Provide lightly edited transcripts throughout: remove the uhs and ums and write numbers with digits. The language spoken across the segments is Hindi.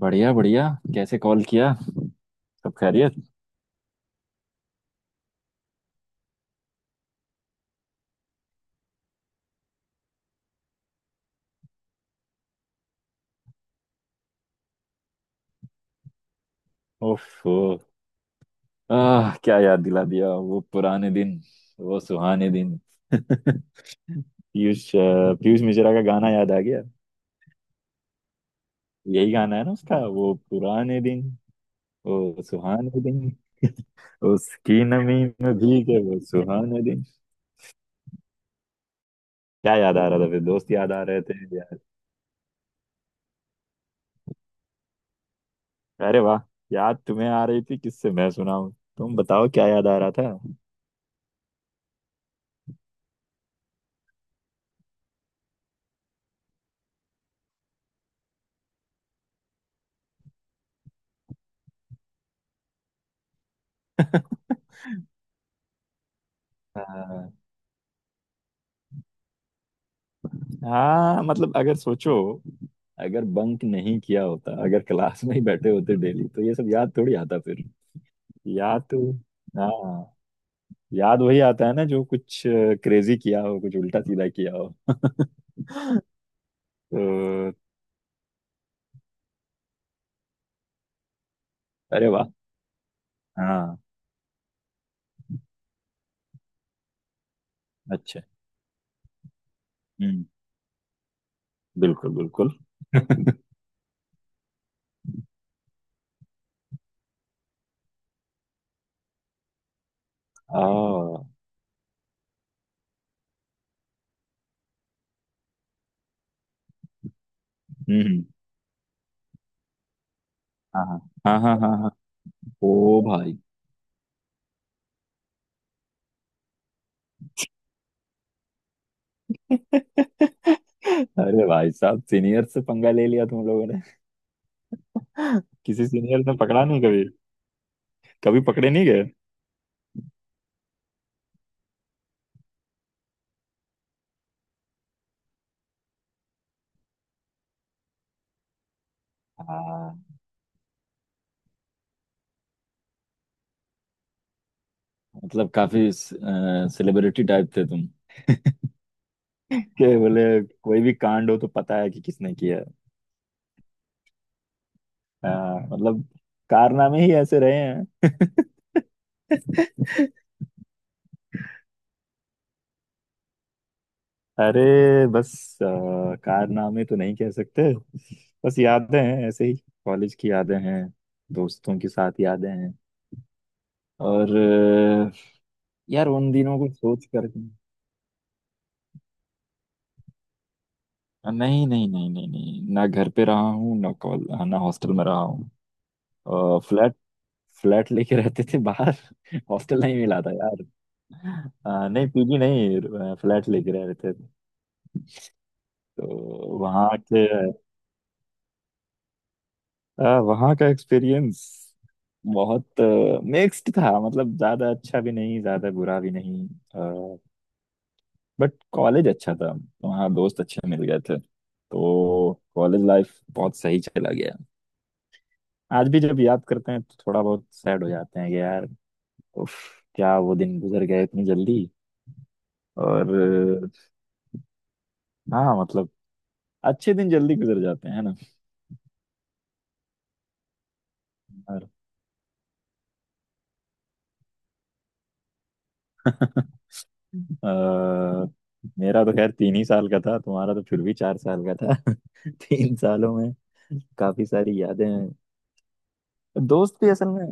बढ़िया बढ़िया। कैसे कॉल किया। सब खैरियत। ओफो। आह क्या याद दिला दिया वो पुराने दिन। वो सुहाने दिन। पीयूष मिश्रा का गाना याद आ गया। यही गाना है ना उसका वो पुराने दिन। वो सुहाने दिन। उसकी नमी में भीगे वो सुहाने दिन। क्या याद आ रहा था। फिर दोस्त याद आ रहे थे यार। अरे वाह। याद तुम्हें आ रही थी। किससे मैं सुनाऊं। तुम बताओ क्या याद आ रहा था। हाँ मतलब अगर सोचो। अगर बंक नहीं किया होता अगर क्लास में ही बैठे होते डेली तो ये सब याद थोड़ी आता फिर। याद तो। हाँ। याद वही आता है ना जो कुछ क्रेजी किया हो कुछ उल्टा सीधा किया हो। तो। अरे वाह। हाँ। अच्छा। हम्म। बिल्कुल बिल्कुल। आ हम्म। हम्म। हाँ, हाँ, हाँ, हाँ, हाँ, हाँ। ओ भाई। अरे भाई साहब सीनियर से पंगा ले लिया तुम लोगों ने। किसी सीनियर ने पकड़ा नहीं कभी। कभी पकड़े नहीं गए। हाँ मतलब काफी सेलिब्रिटी टाइप थे तुम के बोले। कोई भी कांड हो तो पता है कि किसने किया है। हाँ, मतलब कारनामे ही ऐसे रहे हैं। अरे बस अ, कारनामे तो नहीं कह सकते। बस यादें हैं ऐसे ही। कॉलेज की यादें हैं। दोस्तों के साथ यादें हैं। और यार उन दिनों को सोच कर। नहीं, नहीं, नहीं, नहीं, नहीं, ना घर पे रहा हूँ ना कॉल ना हॉस्टल में रहा हूँ। फ्लैट। फ्लैट लेके रहते थे बाहर। हॉस्टल नहीं मिला था यार। नहीं पीजी नहीं फ्लैट लेके रह रहे थे। तो वहाँ के। वहाँ का एक्सपीरियंस बहुत मिक्स्ड था मतलब ज्यादा अच्छा भी नहीं ज्यादा बुरा भी नहीं। बट कॉलेज अच्छा था। वहाँ दोस्त अच्छे मिल गए थे। तो कॉलेज लाइफ बहुत सही चला गया। आज भी जब याद करते हैं तो थोड़ा बहुत सैड हो जाते हैं कि यार उफ, क्या वो दिन गुजर गए इतनी जल्दी। और अ, हाँ मतलब अच्छे दिन जल्दी गुजर जाते हैं है ना। अ, मेरा तो खैर तीन ही साल का था तुम्हारा तो फिर भी चार साल का था। तीन सालों में काफी सारी यादें हैं। दोस्त भी असल में।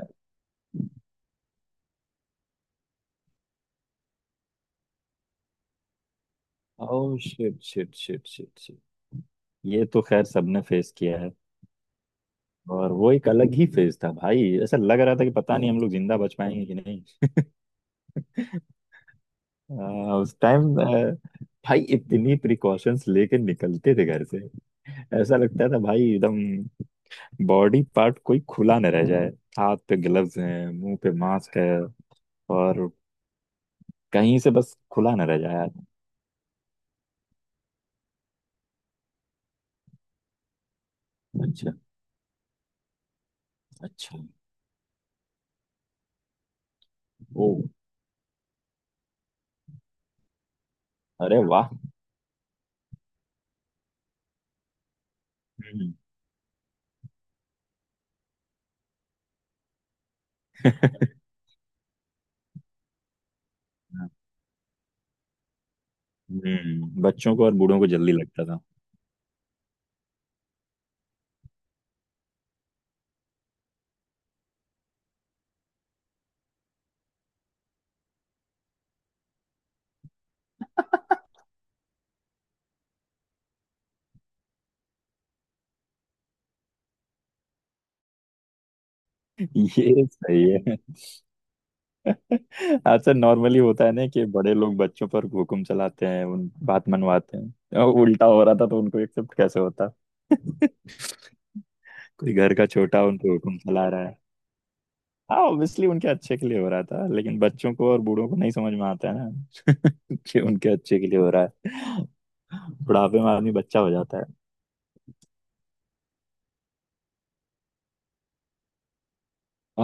Oh, shit, shit, shit, shit, shit. ये तो खैर सबने फेस किया है। और वो एक अलग ही फेज था भाई ऐसा लग रहा था कि पता नहीं हम लोग जिंदा बच पाएंगे कि नहीं। उस टाइम भाई इतनी प्रिकॉशंस लेके निकलते थे घर से। ऐसा लगता था भाई एकदम बॉडी पार्ट कोई खुला न रह जाए। हाथ पे ग्लव्स हैं मुंह पे मास्क है। और कहीं से बस खुला ना रह जाए यार। अच्छा। अच्छा। ओ। अरे वाह। हम्म। बच्चों को और बूढ़ों को जल्दी लगता था। ये सही है। अच्छा नॉर्मली होता है ना कि बड़े लोग बच्चों पर हुक्म चलाते हैं उन बात मनवाते हैं और उल्टा हो रहा था तो उनको एक्सेप्ट कैसे होता। कोई घर का छोटा उनको हुक्म चला रहा है। हाँ ऑब्वियसली उनके अच्छे के लिए हो रहा था लेकिन बच्चों को और बूढ़ों को नहीं समझ में आता है ना कि उनके अच्छे के लिए हो रहा है। बुढ़ापे में आदमी बच्चा हो जाता है।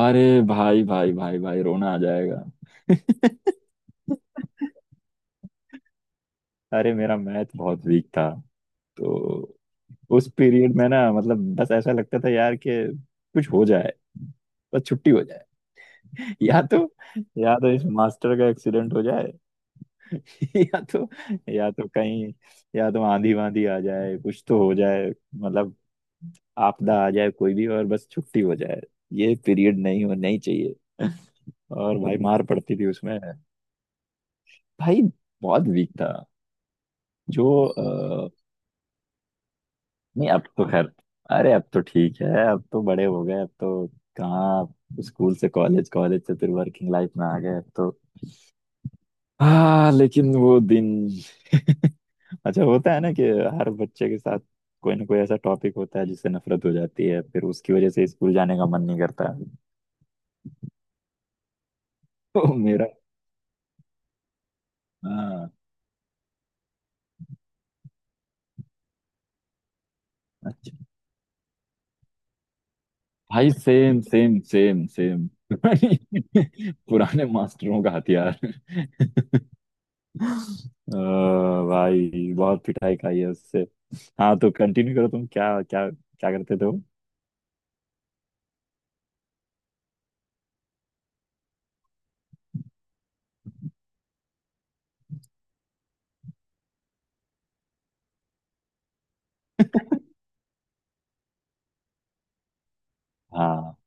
अरे भाई, भाई, भाई, भाई, रोना आ जाएगा। अरे मेरा मैथ बहुत वीक था। तो उस पीरियड में ना मतलब बस ऐसा लगता था यार कि कुछ हो जाए बस छुट्टी हो जाए। या तो या तो इस मास्टर का एक्सीडेंट हो जाए। या तो या तो कहीं या तो आंधी वांधी आ जाए कुछ तो हो जाए मतलब। आपदा आ जाए कोई भी और बस छुट्टी हो जाए। ये पीरियड नहीं हो नहीं चाहिए। और भाई मार पड़ती थी उसमें। भाई बहुत वीक था। जो अ, नहीं अब तो खैर। अरे अब तो ठीक है अब तो बड़े हो गए अब तो कहाँ स्कूल से कॉलेज कॉलेज से फिर वर्किंग लाइफ में आ गए अब तो। हाँ लेकिन वो दिन। अच्छा होता है ना कि हर बच्चे के साथ कोई ना कोई ऐसा टॉपिक होता है जिससे नफरत हो जाती है फिर उसकी वजह से स्कूल जाने का मन नहीं करता है। तो मेरा। हाँ। अच्छा। भाई सेम, सेम, सेम, सेम। पुराने मास्टरों का हथियार। अ, भाई बहुत पिटाई खाई है उससे। हाँ तो कंटिन्यू करो तुम क्या क्या क्या करते थे वो। हाँ।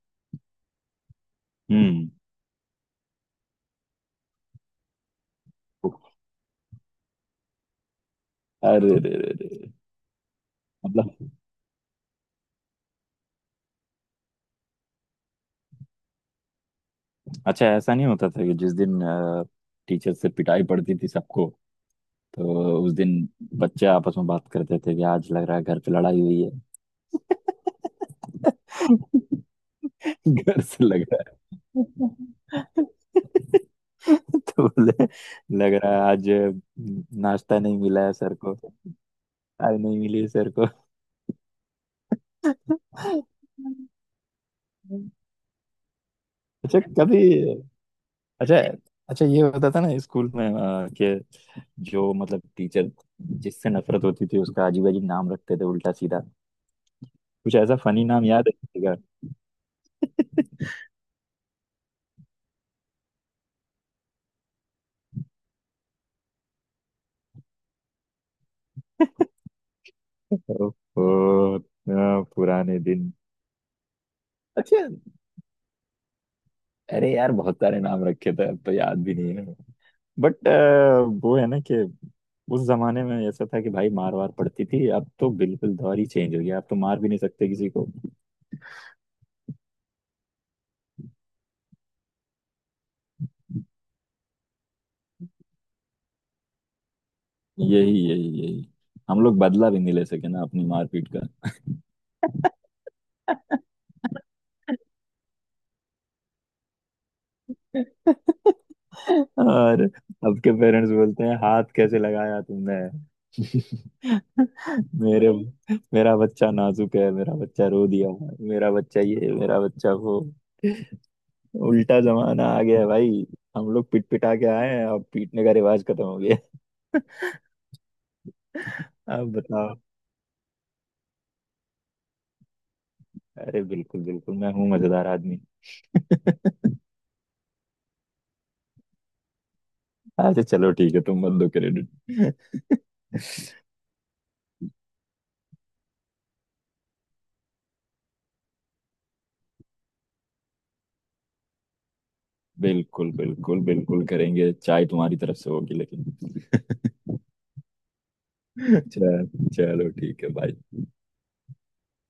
हम्म। अरे रे रे रे। मतलब अच्छा ऐसा नहीं होता था कि जिस दिन टीचर से पिटाई पड़ती थी सबको तो उस दिन बच्चे आपस में बात करते थे कि आज लग रहा है घर पे लड़ाई हुई है। घर से लग रहा है। तो बोले लग रहा है आज नाश्ता नहीं मिला है सर को। आज नहीं मिली है सर को। अच्छा। कभी। अच्छा। अच्छा ये होता था ना स्कूल में कि जो मतलब टीचर जिससे नफरत होती थी उसका अजीब अजीब नाम रखते थे उल्टा सीधा। कुछ ऐसा फनी नाम याद है किसी का? ओहो। पुराने दिन। अच्छा। अरे यार बहुत सारे नाम रखे थे अब तो याद भी नहीं है। बट वो है ना कि उस जमाने में ऐसा था कि भाई मार वार पड़ती थी अब तो बिल्कुल दौर ही चेंज हो गया अब तो मार भी नहीं सकते किसी को। यही, यही, यही। हम लोग बदला भी नहीं ले सके ना अपनी मारपीट का। और अब के पेरेंट्स बोलते हैं हाथ कैसे लगाया तुमने। मेरे मेरा बच्चा नाजुक है मेरा बच्चा रो दिया। मेरा बच्चा ये मेरा बच्चा वो। उल्टा जमाना आ गया है भाई। हम लोग पिट पिटा के आए हैं अब पीटने का रिवाज खत्म हो गया। अब बताओ। अरे बिल्कुल बिल्कुल मैं हूँ मजेदार आदमी। अच्छा चलो ठीक है तुम मत दो क्रेडिट। बिल्कुल, बिल्कुल, बिल्कुल, करेंगे चाय तुम्हारी तरफ से होगी लेकिन। चल चलो ठीक है भाई।